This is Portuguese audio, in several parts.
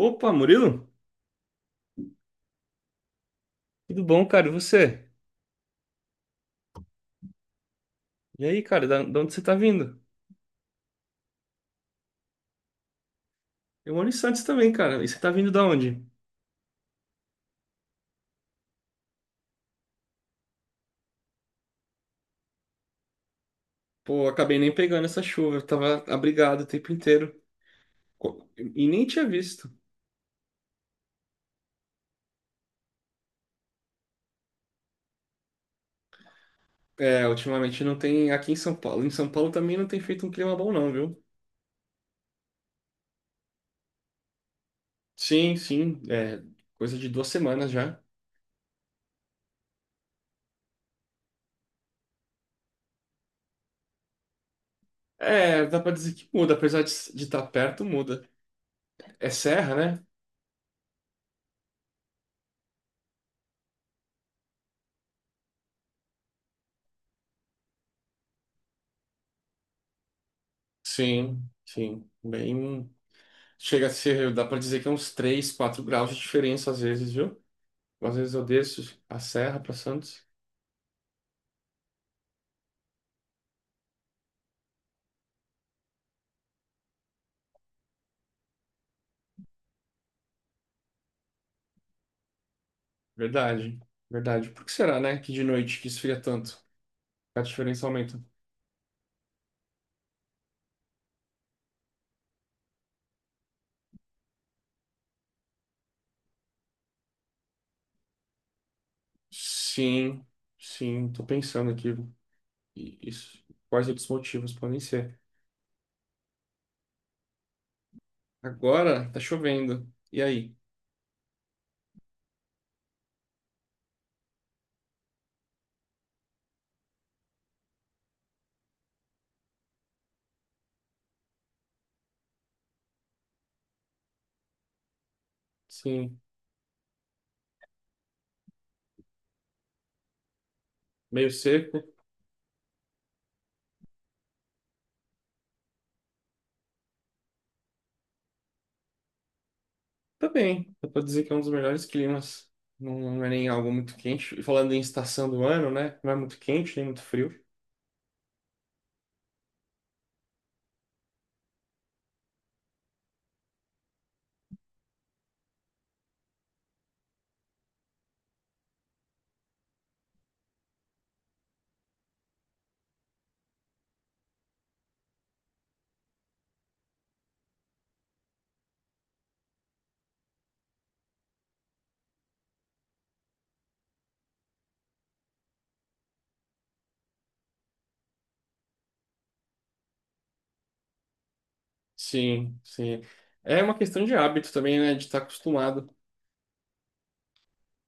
Opa, Murilo? Tudo bom, cara? E você? E aí, cara, da onde você tá vindo? Eu moro em Santos também, cara. E você tá vindo da onde? Pô, acabei nem pegando essa chuva. Eu tava abrigado o tempo inteiro. E nem tinha visto. É, ultimamente não tem aqui em São Paulo. Em São Paulo também não tem feito um clima bom, não, viu? Sim, sim. É coisa de duas semanas já. É, dá pra dizer que muda. Apesar de estar perto, muda. É serra, né? Sim, sim. Bem. Chega a ser, dá pra dizer que é uns 3 4 graus de diferença às vezes, viu? Às vezes eu desço a serra pra Santos. Verdade, verdade. Por que será, né, que de noite que esfria tanto? A diferença aumenta. Sim, sim, tô pensando aqui. E isso, quais outros motivos podem ser? Agora tá chovendo. E aí? Sim, meio seco. Tá bem, dá pra dizer que é um dos melhores climas. Não, não é nem algo muito quente. E falando em estação do ano, né? Não é muito quente, nem muito frio. Sim, sim. É uma questão de hábito também, né? De estar acostumado.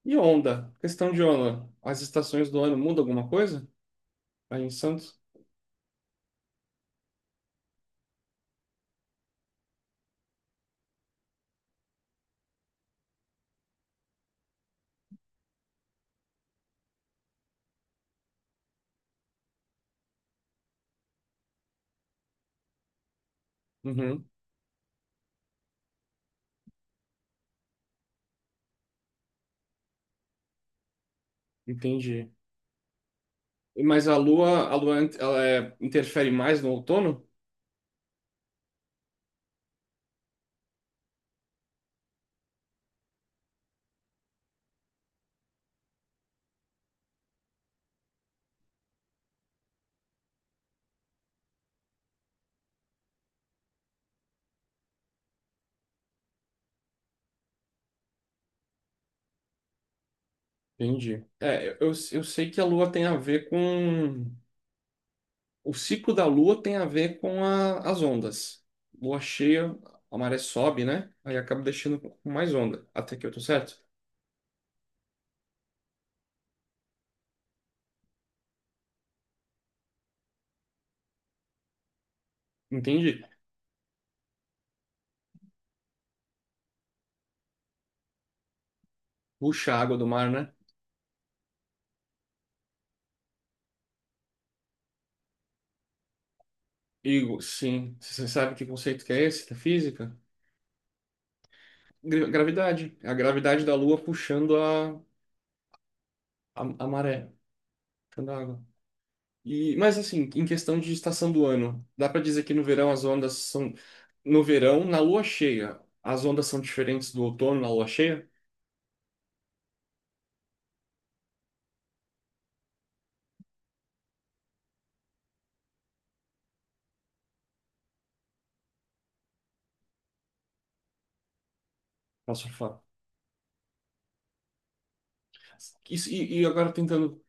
E onda? Questão de onda. As estações do ano mudam alguma coisa? Aí em Santos? Uhum, entendi. Mas a lua interfere mais no outono? Entendi. É, eu sei que a lua tem a ver com o ciclo da lua tem a ver com as ondas. Lua cheia, a maré sobe, né? Aí acaba deixando com mais onda. Até que eu tô certo? Entendi. Puxa a água do mar, né? Igor, sim. Você sabe que conceito que é esse da física? Gravidade. É a gravidade da Lua puxando a maré, puxando a água. E, mas assim, em questão de estação do ano, dá para dizer que no verão as ondas são. No verão, na lua cheia, as ondas são diferentes do outono na lua cheia? Posso falar? Isso, e agora tentando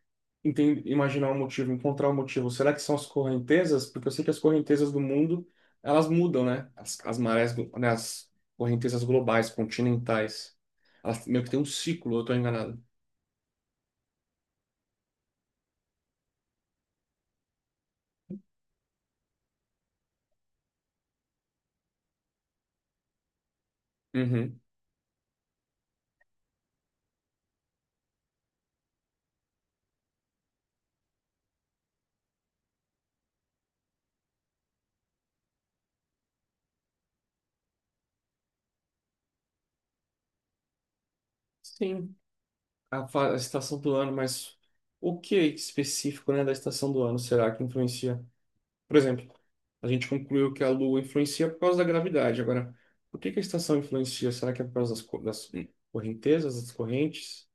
imaginar um motivo, encontrar um motivo. Será que são as correntezas? Porque eu sei que as correntezas do mundo, elas mudam, né? As marés, né? As correntezas globais, continentais. Elas meio que tem um ciclo, eu tô enganado. Uhum. Sim, a estação do ano, mas o que específico, né, da estação do ano será que influencia? Por exemplo, a gente concluiu que a Lua influencia por causa da gravidade. Agora, por que que a estação influencia? Será que é por causa das correntezas, das correntes?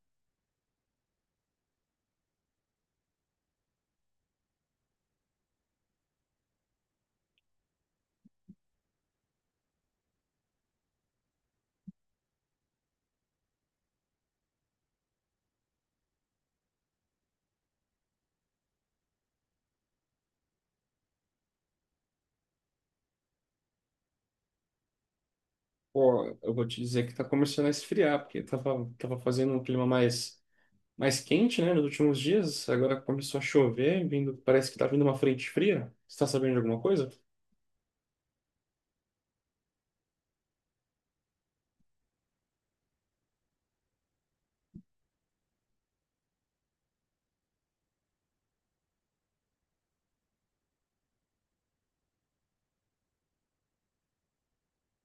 Pô, eu vou te dizer que tá começando a esfriar, porque tava fazendo um clima mais, mais quente, né, nos últimos dias. Agora começou a chover, vindo, parece que tá vindo uma frente fria. Você tá sabendo de alguma coisa?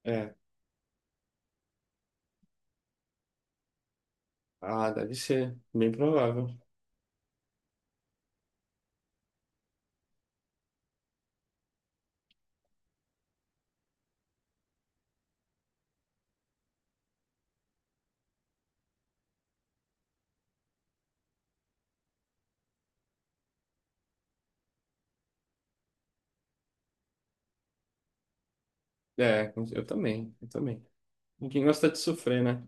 É. Ah, deve ser. Bem provável. É, eu também. Ninguém gosta de sofrer, né?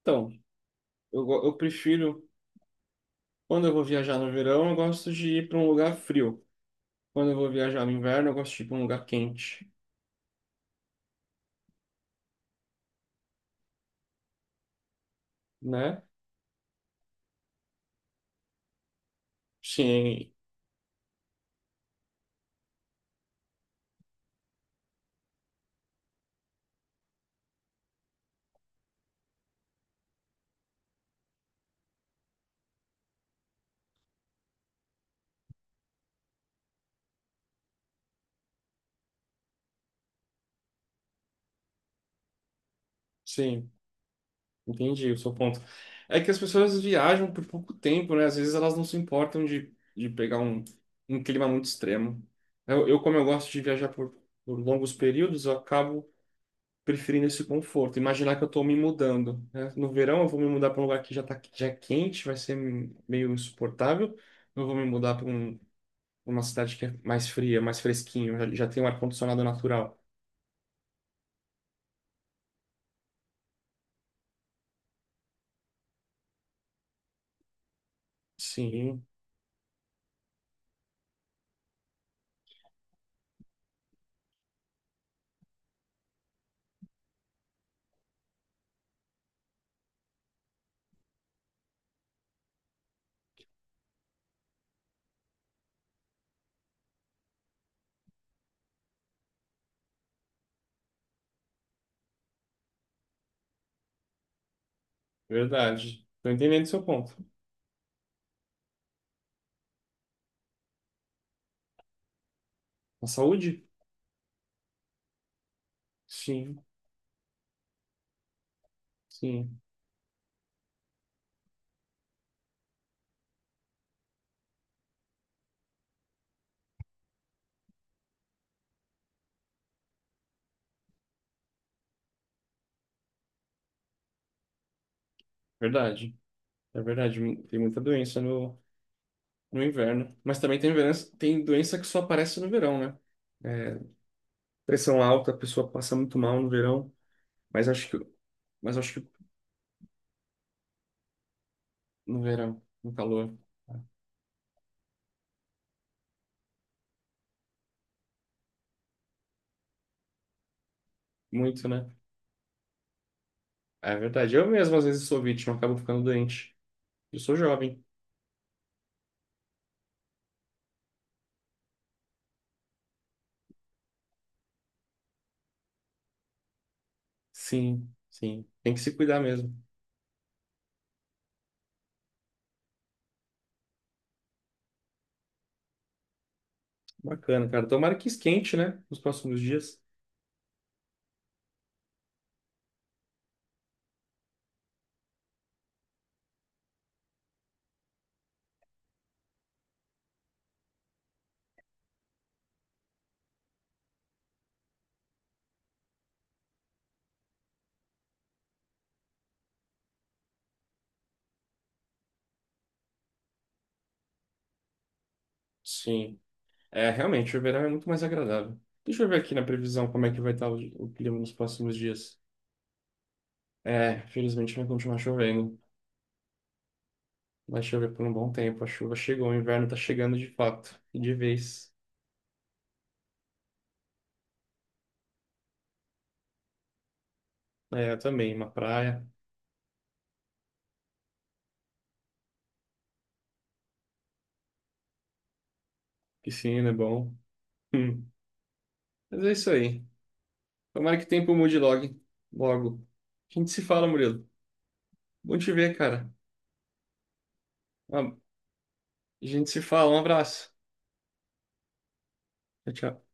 Então, eu prefiro, quando eu vou viajar no verão, eu gosto de ir para um lugar frio. Quando eu vou viajar no inverno, eu gosto de ir para um lugar quente, né? Sim, sim. Entendi o seu ponto. É que as pessoas viajam por pouco tempo, né? Às vezes elas não se importam de pegar um clima muito extremo. Como eu gosto de viajar por longos períodos, eu acabo preferindo esse conforto. Imaginar que eu estou me mudando, né? No verão eu vou me mudar para um lugar que já tá, já é quente, vai ser meio insuportável. Eu vou me mudar uma cidade que é mais fria, mais fresquinho, já tem um ar-condicionado natural. Sim, verdade. Estou entendendo o seu ponto. A saúde? Sim. Sim. Verdade, é verdade. Tem muita doença no, no inverno. Mas também tem doença que só aparece no verão, né? É, pressão alta, a pessoa passa muito mal no verão. Mas acho que, mas acho que no verão, no calor, muito, né? É verdade. Eu mesmo às vezes sou vítima, acabo ficando doente. Eu sou jovem. Sim, sim. Tem que se cuidar mesmo. Bacana, cara. Tomara que esquente, né? Nos próximos dias. Sim. É, realmente, o verão é muito mais agradável. Deixa eu ver aqui na previsão como é que vai estar o clima nos próximos dias. É, felizmente vai continuar chovendo. Vai chover por um bom tempo. A chuva chegou, o inverno tá chegando de fato. E de vez. É, eu também. Uma praia, piscina é bom. Hum. Mas é isso aí. Tomara que o tempo mude logo. Logo. A gente se fala, Murilo. Bom te ver, cara. Um- A gente se fala. Um abraço. Tchau, tchau.